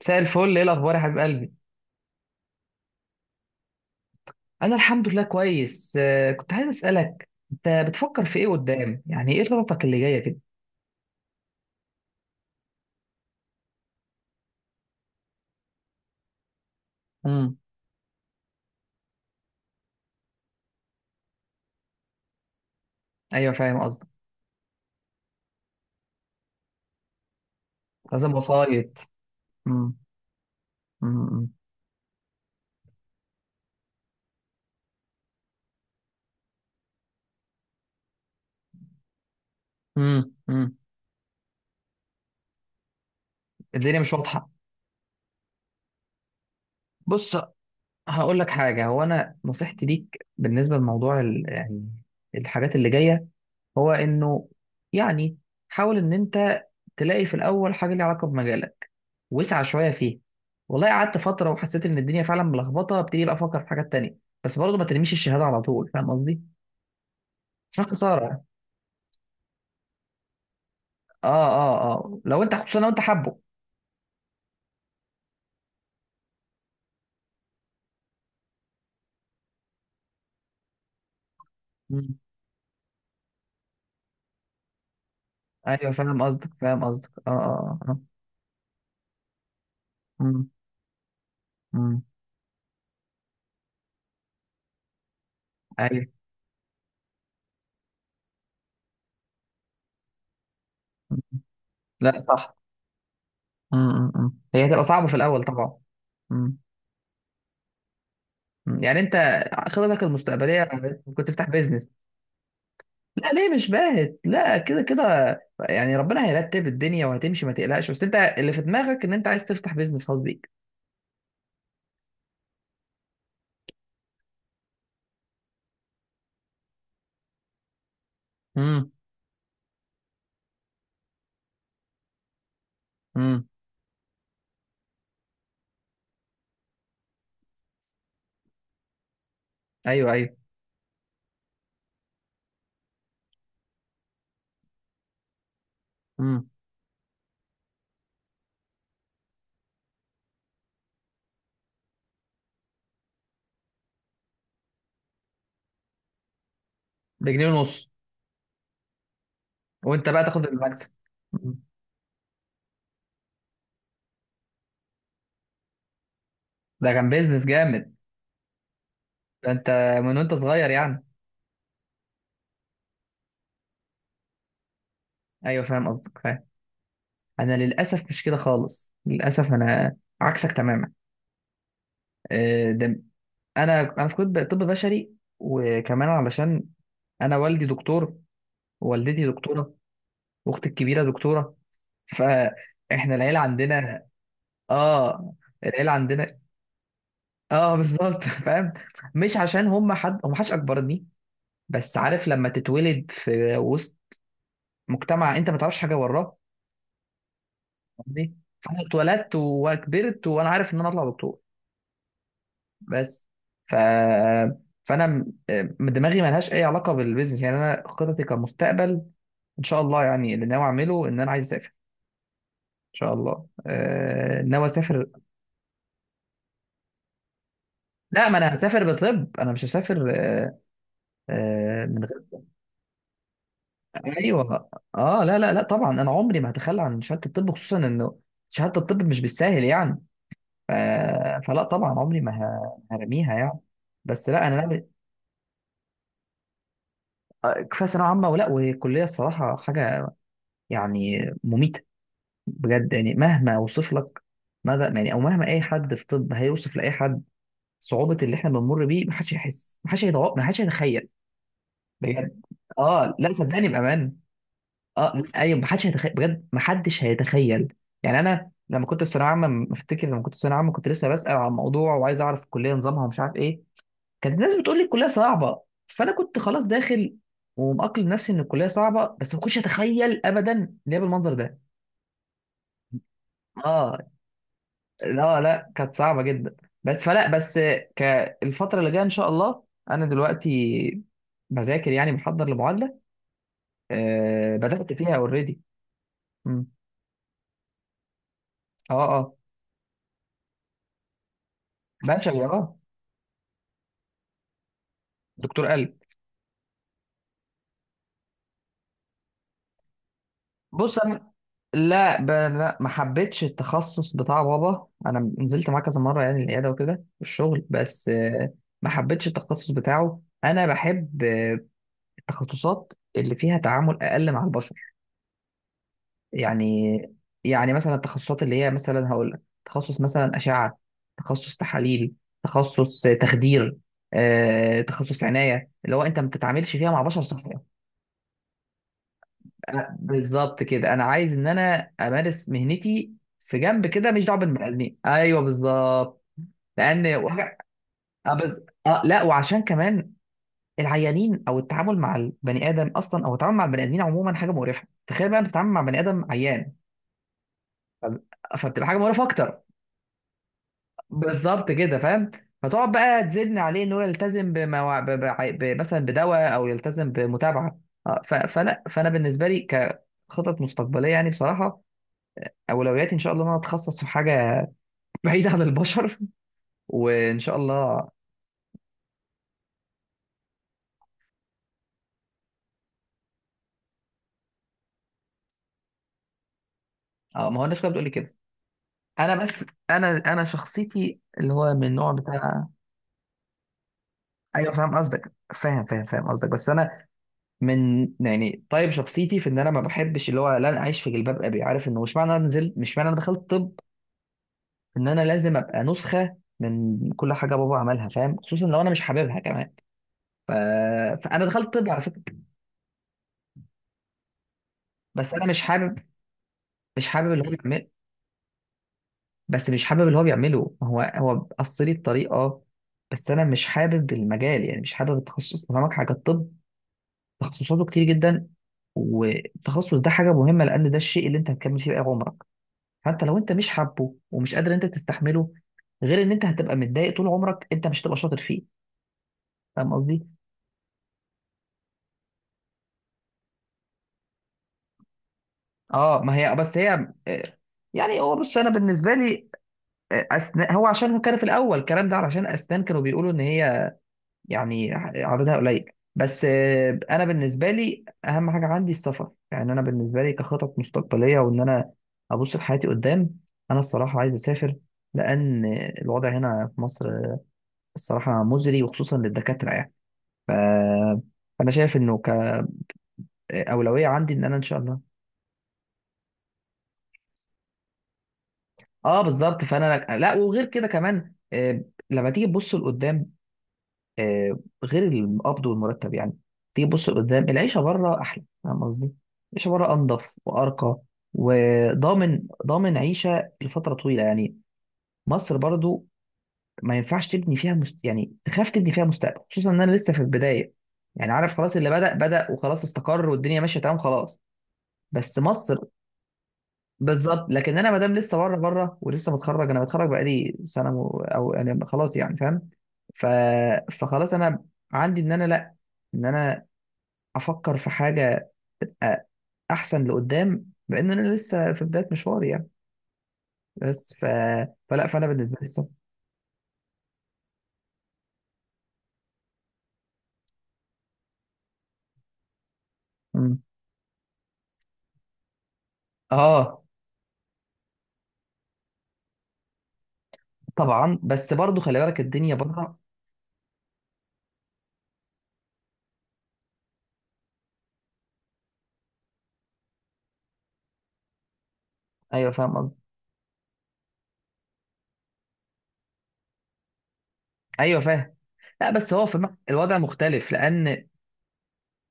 مساء الفل، ايه الاخبار يا حبيب قلبي؟ انا الحمد لله كويس. كنت عايز اسالك انت بتفكر في ايه قدام، يعني ايه خططك اللي جايه كده؟ امم. ايوه فاهم قصدك. لازم وسايط. امم. امم. امم. امم. الدنيا مش واضحه. بص، هقول لك حاجه. هو انا نصيحتي ليك بالنسبه لموضوع يعني الحاجات اللي جايه، هو انه يعني، حاول ان انت تلاقي في الاول حاجه ليها علاقه بمجالك، وسع شويه فيه. والله قعدت فتره وحسيت ان الدنيا فعلا ملخبطه، ابتدي بقى افكر في حاجات تانية. بس برضه ما ترميش الشهاده على طول، فاهم قصدي؟ عشان خساره يعني. اه اه اه، لو انت خصوصا لو انت حابه. مم. ايوه فاهم قصدك، فاهم قصدك، اه اه اه. مم. مم. ايوه. مم. لا صح. مم. مم. مم. هي هتبقى صعبه في الاول طبعا. مم. مم. يعني انت خططك المستقبليه كنت تفتح بيزنس. لا ليه مش باهت، لا كده كده، يعني ربنا هيرتب الدنيا وهتمشي ما تقلقش، بس انت اللي في دماغك ان انت عايز تفتح بيزنس خاص بيك. امم. امم. ايوه ايوه. امم. بجنيه ونص. وانت بقى تاخد المكسب. أمم. ده كان بيزنس جامد. ده انت من وانت صغير يعني. ايوه فاهم قصدك، فاهم. انا للاسف مش كده خالص، للاسف انا عكسك تماما. ده انا في كنت طب بشري، وكمان علشان انا والدي دكتور، ووالدتي دكتوره، واختي الكبيره دكتوره، فاحنا العيله عندنا. اه، العيله عندنا. اه بالظبط. فاهم، مش عشان هم حد هم، حدش اكبرني، بس عارف لما تتولد في وسط مجتمع انت ما تعرفش حاجه وراه. قصدي، فانا اتولدت وكبرت وانا عارف ان انا اطلع دكتور. بس، ف فانا دماغي ما لهاش اي علاقه بالبيزنس، يعني انا خططي كمستقبل ان شاء الله، يعني اللي ناوي اعمله ان انا عايز اسافر، ان شاء الله. ناوي اسافر. لا ما انا هسافر بطب، انا مش هسافر من غير. ايوه. اه لا لا لا، طبعا انا عمري ما هتخلى عن شهاده الطب، خصوصا انه شهاده الطب مش بالساهل يعني. ف... فلا طبعا، عمري ما هرميها يعني. بس لا انا ناوي. كفايه ثانويه عامه، والكليه الصراحه حاجه يعني مميته. بجد يعني، مهما اوصف لك ماذا، يعني، او مهما اي حد في طب هيوصف لاي حد صعوبه اللي احنا بنمر بيه، محدش يحس، محدش هيتوقع، محدش هيتخيل بجد. اه لا صدقني، بامان. اه ايوه، محدش هيتخيل بجد، محدش هيتخيل. يعني انا لما كنت في ثانويه عامه افتكر، لما كنت في ثانويه عامه كنت لسه بسال عن الموضوع وعايز اعرف الكليه نظامها ومش عارف ايه. كانت الناس بتقول لي الكليه صعبه، فانا كنت خلاص داخل ومأقلم نفسي ان الكليه صعبه، بس ما كنتش اتخيل ابدا ان هي بالمنظر ده. اه لا لا، كانت صعبه جدا. بس فلا بس كالفتره اللي جايه ان شاء الله، انا دلوقتي بذاكر يعني، بحضر لمعادله. بدات فيها اوريدي. اه اه بشري اه. دكتور قلب. بص انا، لا، لا، ما حبيتش التخصص بتاع بابا، انا نزلت معاه كذا مره يعني العياده وكده والشغل. بس ما حبيتش التخصص بتاعه. انا بحب التخصصات اللي فيها تعامل اقل مع البشر يعني يعني مثلا التخصصات اللي هي، مثلا هقول لك، تخصص مثلا اشعه، تخصص تحاليل، تخصص تخدير، تخصص عنايه، اللي هو انت ما بتتعاملش فيها مع بشر صحيح. بالظبط كده، انا عايز ان انا امارس مهنتي في جنب كده، مش دعوه بالبني ادمين. ايوه بالظبط. لان وجع- آه بز... آه لا، وعشان كمان العيانين، او التعامل مع البني ادم اصلا، او التعامل مع البني ادمين عموما حاجه مقرفه. تخيل بقى بتتعامل مع بني ادم عيان، فب- فبتبقى حاجه مقرفه اكتر. بالظبط كده، فاهم. فتقعد بقى تزن عليه انه يلتزم بموا... ب... ب... ب... مثلا بدواء او يلتزم بمتابعه. فلا، فانا بالنسبه لي كخطط مستقبليه يعني، بصراحه اولوياتي ان شاء الله ان انا اتخصص في حاجه بعيده عن البشر، وان شاء الله. اه ما هو الناس كلها بتقول لي كده. انا بس، انا شخصيتي اللي هو من النوع بتاع. ايوه فاهم قصدك، فاهم فاهم فاهم قصدك، بس انا من، يعني طيب شخصيتي في ان انا ما بحبش اللي هو، لا انا عايش في جلباب ابي، عارف انه مش معنى انا نزلت، مش معنى انا دخلت طب، ان انا لازم ابقى نسخه من كل حاجه بابا عملها، فاهم، خصوصا لو انا مش حاببها كمان. ف... فانا دخلت طب على فكره. بس انا مش حابب، مش حابب اللي هو، بس مش حابب اللي هو بيعمله، هو هو قصلي الطريق اه. بس انا مش حابب المجال يعني، مش حابب التخصص. أنا فاهمك، حاجه الطب تخصصاته كتير جدا، والتخصص ده حاجه مهمه لان ده الشيء اللي انت هتكمل فيه باقي عمرك. فانت لو انت مش حابه ومش قادر انت تستحمله، غير ان انت هتبقى متضايق طول عمرك، انت مش هتبقى شاطر فيه، فاهم قصدي؟ اه ما هي، بس هي يعني هو، بص انا بالنسبه لي اسنان هو، عشان هو كان في الاول الكلام ده علشان اسنان كانوا بيقولوا ان هي يعني عددها قليل. بس انا بالنسبه لي اهم حاجه عندي السفر، يعني انا بالنسبه لي كخطط مستقبليه، وان انا ابص لحياتي قدام، انا الصراحه عايز اسافر، لان الوضع هنا في مصر الصراحه مزري، وخصوصا للدكاتره يعني. ف... فانا شايف انه كاولويه عندي ان انا ان شاء الله. اه بالظبط، فانا لا، وغير كده كمان لما تيجي تبص لقدام، آه، غير القبض والمرتب يعني، تيجي تبص لقدام العيشه بره احلى، فاهم قصدي؟ العيشه بره انضف وارقى، وضامن ضامن عيشه لفتره طويله يعني. مصر برضو ما ينفعش تبني فيها يعني تخاف تبني فيها مستقبل، خصوصا ان انا لسه في البدايه، يعني عارف خلاص اللي بدأ بدأ وخلاص استقر والدنيا ماشيه تمام خلاص. بس مصر بالظبط، لكن انا ما دام لسه بره بره، ولسه متخرج، انا متخرج بقالي سنه او انا خلاص يعني فاهم. ف... فخلاص انا عندي ان انا لا، ان انا افكر في حاجه أ- احسن لقدام، بان انا لسه في بدايه مشواري يعني. بس فلا فانا بالنسبه لي السفر. مم. اه طبعا، بس برضو خلي بالك الدنيا بره. ايوه فاهم قصدي، ايوه فاهم. لا بس هو في الوضع مختلف، لان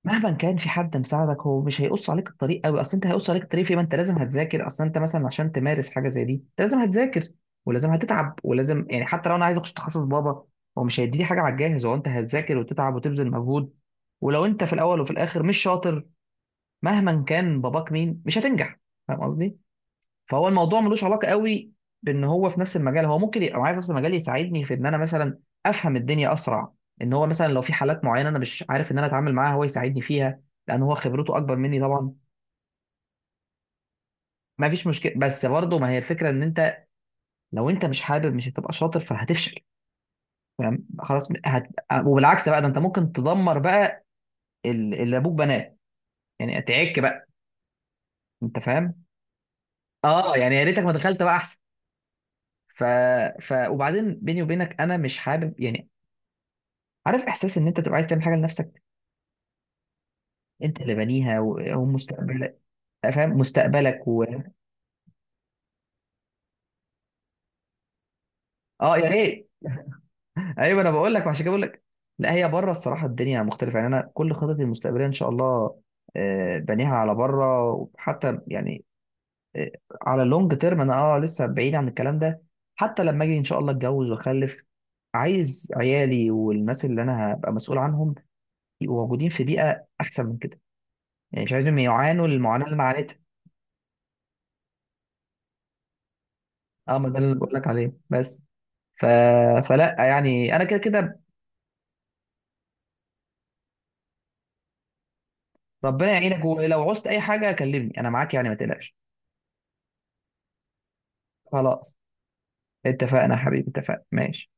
مهما كان في حد مساعدك هو مش هيقص عليك الطريق قوي. اصل انت هيقص عليك الطريق في إيه؟ ما انت لازم هتذاكر، اصل انت مثلا عشان تمارس حاجه زي دي انت لازم هتذاكر، ولازم هتتعب، ولازم يعني، حتى لو انا عايز اخش تخصص بابا هو مش هيديني حاجه على الجاهز. هو انت هتذاكر وتتعب وتبذل مجهود، ولو انت في الاول وفي الاخر مش شاطر، مهما كان باباك مين مش هتنجح، فاهم قصدي؟ فهو الموضوع ملوش علاقه قوي بان هو في نفس المجال. هو ممكن يبقى معايا في نفس المجال يساعدني في ان انا مثلا افهم الدنيا اسرع، ان هو مثلا لو في حالات معينه انا مش عارف ان انا اتعامل معاها هو يساعدني فيها، لان هو خبرته اكبر مني طبعا. ما فيش مشكله. بس برضه ما هي الفكره ان انت لو انت مش حابب مش هتبقى شاطر فهتفشل، فاهم. خلاص وبالعكس بقى ده انت ممكن تدمر بقى اللي ابوك بناه، يعني تعك بقى، انت فاهم. اه يعني يا ريتك ما دخلت بقى احسن. ف... وبعدين بيني وبينك انا مش حابب يعني، عارف احساس ان انت تبقى عايز تعمل حاجه لنفسك، انت اللي بانيها ومستقبلك، فاهم مستقبلك اه يا ريت. ايوه انا بقول لك عشان كده بقول لك. لا هي بره الصراحه الدنيا مختلفه يعني، انا كل خططي المستقبليه ان شاء الله بانيها على بره، وحتى يعني آه، على اللونج تيرم، انا لسه بعيد عن الكلام ده. حتى لما اجي ان شاء الله اتجوز واخلف، عايز عيالي والناس اللي انا هبقى مسؤول عنهم يبقوا موجودين في بيئه احسن من كده، يعني مش عايزهم يعانوا المعاناه اللي انا عانيتها. اه ما ده اللي أنا بقول لك عليه. بس ف... فلا يعني انا كده كده. ربنا يعينك، ولو عوزت اي حاجه كلمني، انا معاك يعني ما تقلقش. خلاص اتفقنا يا حبيبي، اتفقنا، ماشي.